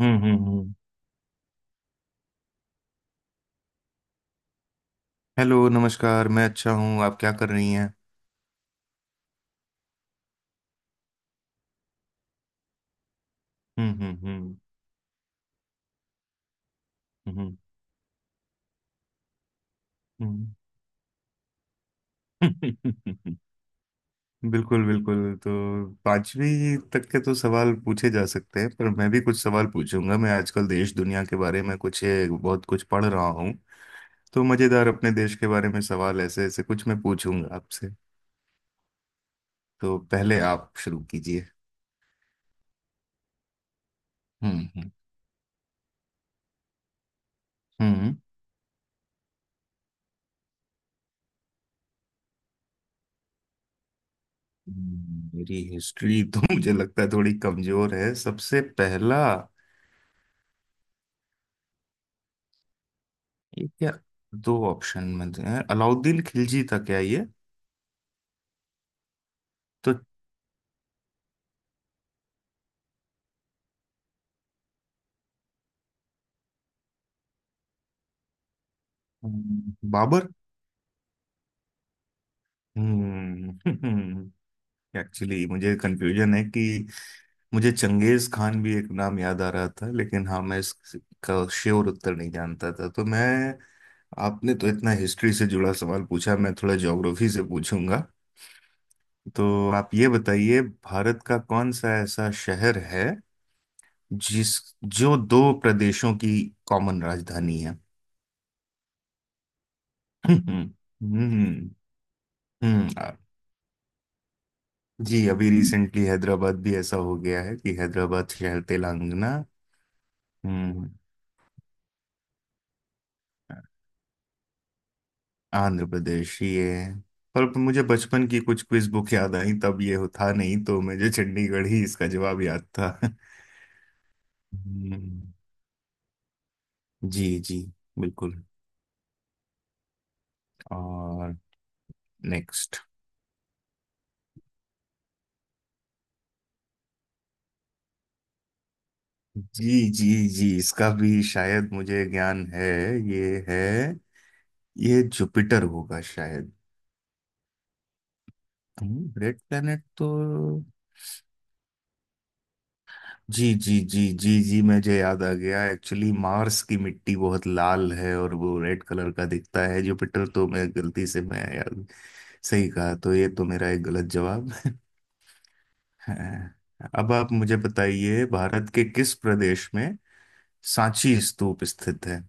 हम्म हम्म हम्म। हेलो नमस्कार, मैं अच्छा हूँ। आप क्या कर रही हैं? हम्म हम्म हम्म हम्म हम्म। बिल्कुल बिल्कुल। तो पांचवी तक के तो सवाल पूछे जा सकते हैं, पर मैं भी कुछ सवाल पूछूंगा। मैं आजकल देश दुनिया के बारे में कुछ ये बहुत कुछ पढ़ रहा हूँ, तो मजेदार अपने देश के बारे में सवाल ऐसे ऐसे कुछ मैं पूछूंगा आपसे। तो पहले आप शुरू कीजिए। हम्म हम्म हम्म। मेरी हिस्ट्री तो मुझे लगता है थोड़ी कमजोर है। सबसे पहला ये क्या, दो ऑप्शन में हैं? अलाउद्दीन खिलजी था क्या ये? तो बाबर। हम्म। एक्चुअली मुझे कंफ्यूजन है कि मुझे चंगेज खान भी एक नाम याद आ रहा था, लेकिन हाँ, मैं इसका श्योर उत्तर नहीं जानता था, तो मैं। आपने तो इतना हिस्ट्री से जुड़ा सवाल पूछा, मैं थोड़ा ज्योग्राफी से पूछूंगा। तो आप ये बताइए, भारत का कौन सा ऐसा शहर है जिस जो दो प्रदेशों की कॉमन राजधानी है? हम्म हम्म हम्म, आ- जी अभी रिसेंटली हैदराबाद भी ऐसा हो गया है कि हैदराबाद शहर तेलंगाना। हम्म आंध्र प्रदेश ये है, पर मुझे बचपन की कुछ क्विज बुक याद आई, तब ये था नहीं, तो मुझे चंडीगढ़ ही इसका जवाब याद था। हम्म जी जी बिल्कुल। और नेक्स्ट। जी जी जी इसका भी शायद मुझे ज्ञान है, ये है, ये जुपिटर होगा शायद। रेड प्लेनेट तो। जी जी जी जी जी मुझे याद आ गया, एक्चुअली मार्स की मिट्टी बहुत लाल है और वो रेड कलर का दिखता है, जुपिटर तो मैं गलती से मैं याद। सही कहा, तो ये तो मेरा एक गलत जवाब है। अब आप मुझे बताइए भारत के किस प्रदेश में सांची स्तूप स्थित है?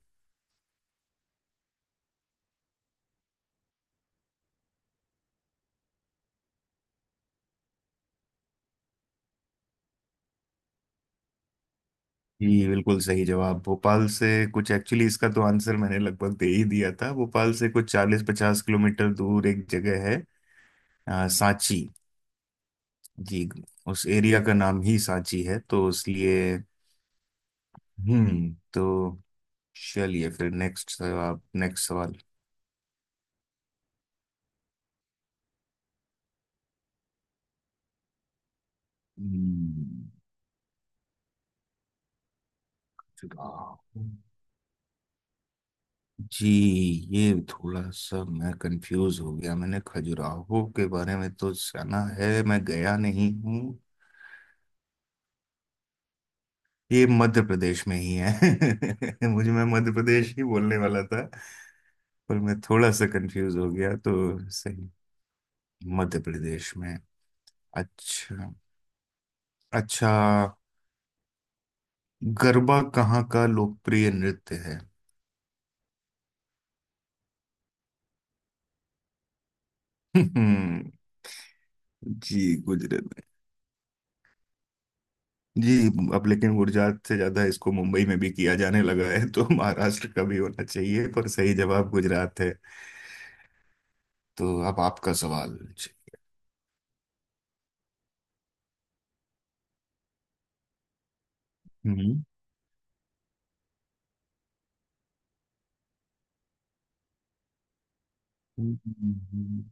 जी बिल्कुल सही जवाब। भोपाल से कुछ, एक्चुअली इसका तो आंसर मैंने लगभग दे ही दिया था, भोपाल से कुछ 40-50 किलोमीटर दूर एक जगह है, सांची। जी, उस एरिया का नाम ही सांची है, तो इसलिए। हम्म तो चलिए फिर नेक्स्ट, आप नेक्स्ट सवाल। हम्म, खजुराहो। जी, ये थोड़ा सा मैं कंफ्यूज हो गया, मैंने खजुराहो के बारे में तो सुना है, मैं गया नहीं हूँ। ये मध्य प्रदेश में ही है। मुझे मैं मध्य प्रदेश ही बोलने वाला था, पर मैं थोड़ा सा कंफ्यूज हो गया, तो सही, मध्य प्रदेश में। अच्छा अच्छा, गरबा कहाँ का लोकप्रिय नृत्य है? जी, गुजरात में। जी, अब लेकिन गुजरात से ज्यादा इसको मुंबई में भी किया जाने लगा है, तो महाराष्ट्र का भी होना चाहिए, पर सही जवाब गुजरात है। तो अब आपका सवाल चाहिए। हम्म हम्म,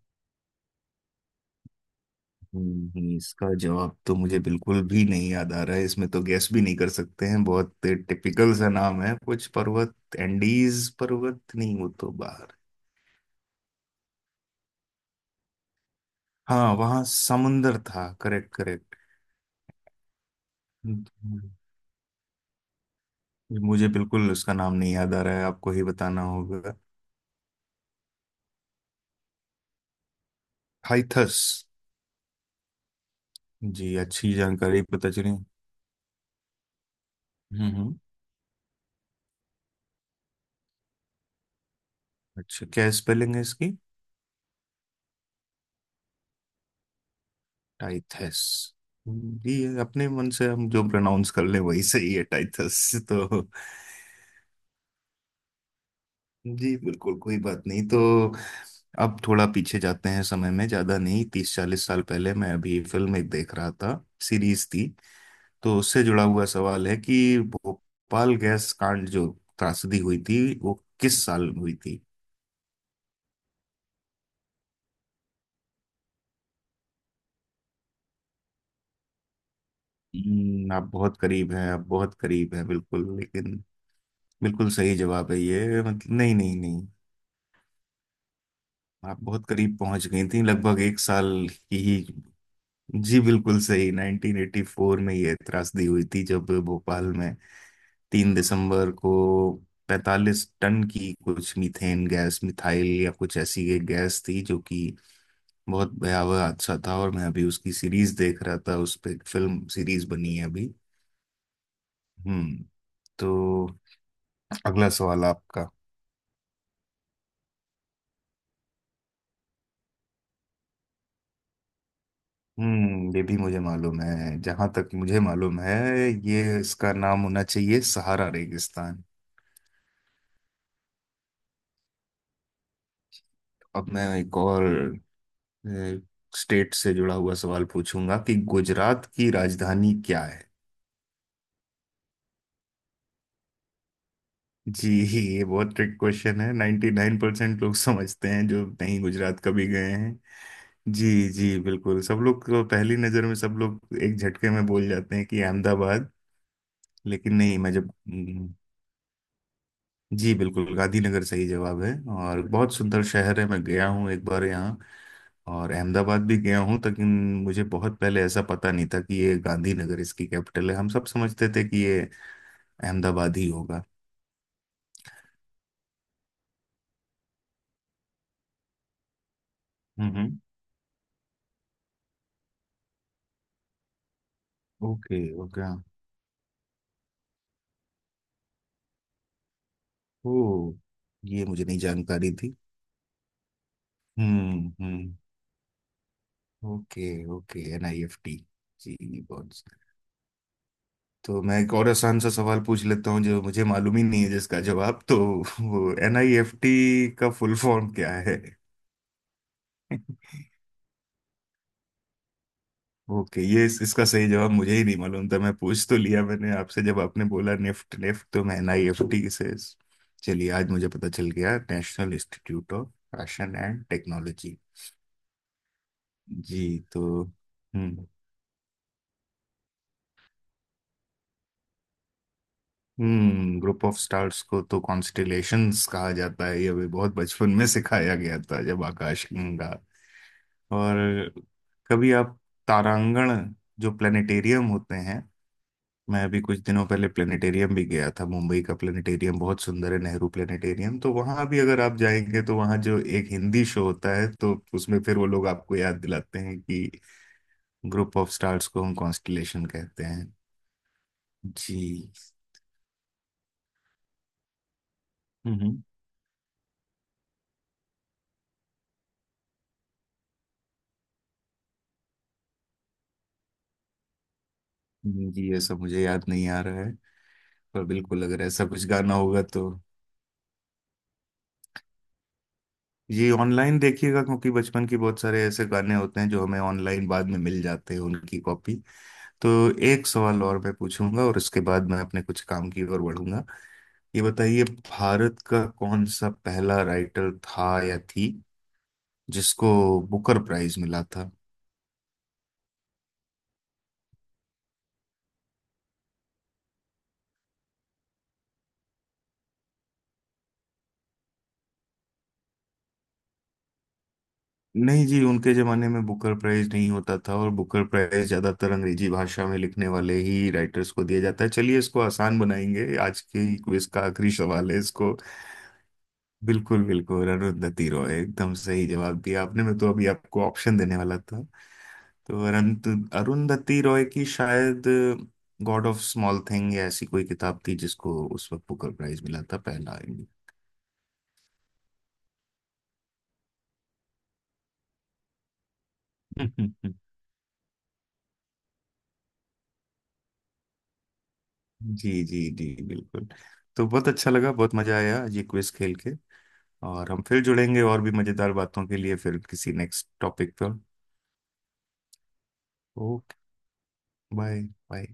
इसका जवाब तो मुझे बिल्कुल भी नहीं याद आ रहा है, इसमें तो गैस भी नहीं कर सकते हैं। बहुत टिपिकल सा नाम है कुछ पर्वत, एंडीज पर्वत नहीं, वो तो बाहर। हाँ, वहाँ समुंदर था, करेक्ट करेक्ट। हम्म, मुझे बिल्कुल उसका नाम नहीं याद आ रहा है, आपको ही बताना होगा। हाइथस। जी, अच्छी जानकारी पता चली। हम्म हम्म। अच्छा, क्या स्पेलिंग है इसकी? टाइथस। जी, ये अपने मन से हम जो प्रोनाउंस कर लें वही सही है, टाइथस। तो जी बिल्कुल, कोई बात नहीं। तो अब थोड़ा पीछे जाते हैं समय में, ज्यादा नहीं, 30-40 साल पहले मैं अभी फिल्म एक देख रहा था, सीरीज थी। तो उससे जुड़ा हुआ सवाल है कि भोपाल गैस कांड जो त्रासदी हुई थी, वो किस साल हुई थी? आप बहुत करीब हैं, आप बहुत करीब हैं बिल्कुल, लेकिन बिल्कुल सही जवाब है ये, मतलब नहीं नहीं नहीं। आप बहुत करीब पहुंच गई थी, लगभग एक साल की ही। जी बिल्कुल सही, 1984 में ये त्रासदी हुई थी, जब भोपाल में 3 दिसंबर को 45 टन की कुछ मीथेन गैस, मिथाइल या कुछ ऐसी एक गैस थी जो कि बहुत भयावह हादसा था। और मैं अभी उसकी सीरीज देख रहा था, उस पर फिल्म सीरीज बनी है अभी। हम्म। तो अगला सवाल आपका। ये भी मुझे मालूम है, जहां तक मुझे मालूम है ये इसका नाम होना चाहिए सहारा रेगिस्तान। अब मैं एक और स्टेट से जुड़ा हुआ सवाल पूछूंगा कि गुजरात की राजधानी क्या है? जी, ये बहुत ट्रिक क्वेश्चन है, 99% नाइन परसेंट लोग समझते हैं जो नहीं गुजरात कभी गए हैं। जी जी बिल्कुल, सब लोग को पहली नज़र में सब लोग एक झटके में बोल जाते हैं कि अहमदाबाद। लेकिन नहीं। मैं जब जी बिल्कुल, गांधीनगर सही जवाब है, और बहुत सुंदर शहर है, मैं गया हूँ एक बार यहाँ, और अहमदाबाद भी गया हूँ, लेकिन मुझे बहुत पहले ऐसा पता नहीं था कि ये गांधीनगर इसकी कैपिटल है। हम सब समझते थे कि ये अहमदाबाद ही होगा। हम्म हम्म, ओके ओके हाँ। ओ, ये मुझे नहीं जानकारी थी। हम्म हम्म okay okay. N I F T. जी बहुत। तो मैं एक और आसान सा सवाल पूछ लेता हूँ जो मुझे मालूम ही नहीं है जिसका जवाब तो, वो एनआईएफटी का फुल फॉर्म क्या है? ओके, ये इसका सही जवाब मुझे ही नहीं मालूम था, मैं पूछ तो लिया मैंने आपसे, जब आपने बोला निफ्ट निफ्ट तो मैं एनआईएफटी से। चलिए, आज मुझे पता चल गया, national institute of fashion and technology. जी, तो हम्म। ग्रुप ऑफ स्टार्स को तो कॉन्स्टिलेशंस कहा जाता है, ये भी बहुत बचपन में सिखाया गया था, जब आकाशगंगा और कभी आप तारांगण, जो प्लेनेटेरियम होते हैं, मैं अभी कुछ दिनों पहले प्लेनेटेरियम भी गया था, मुंबई का प्लेनेटेरियम बहुत सुंदर है, नेहरू प्लेनेटेरियम। तो वहां भी अगर आप जाएंगे तो वहां जो एक हिंदी शो होता है, तो उसमें फिर वो लोग आपको याद दिलाते हैं कि ग्रुप ऑफ स्टार्स को हम कॉन्स्टिलेशन कहते हैं। जी। हम्म जी ये सब मुझे याद नहीं आ रहा है, पर बिल्कुल अगर ऐसा कुछ गाना होगा तो ये ऑनलाइन देखिएगा, क्योंकि बचपन के बहुत सारे ऐसे गाने होते हैं जो हमें ऑनलाइन बाद में मिल जाते हैं, उनकी कॉपी। तो एक सवाल और मैं पूछूंगा, और उसके बाद मैं अपने कुछ काम की ओर बढ़ूंगा। ये बताइए, भारत का कौन सा पहला राइटर था या थी जिसको बुकर प्राइज मिला था? नहीं जी, उनके जमाने में बुकर प्राइज नहीं होता था, और बुकर प्राइज ज्यादातर अंग्रेजी भाषा में लिखने वाले ही राइटर्स को दिया जाता है। चलिए, इसको आसान बनाएंगे, आज की क्विज का आखिरी सवाल है इसको। बिल्कुल बिल्कुल, अरुंधति रॉय, एकदम सही जवाब दिया आपने, मैं तो अभी आपको ऑप्शन देने वाला था। तो अरंत अरुंधति रॉय की शायद गॉड ऑफ स्मॉल थिंग या ऐसी कोई किताब थी जिसको उस वक्त बुकर प्राइज मिला था, पहला। जी जी जी बिल्कुल। तो बहुत अच्छा लगा, बहुत मजा आया ये क्विज खेल के, और हम फिर जुड़ेंगे और भी मजेदार बातों के लिए फिर किसी नेक्स्ट टॉपिक पर। ओके। बाय। बाय।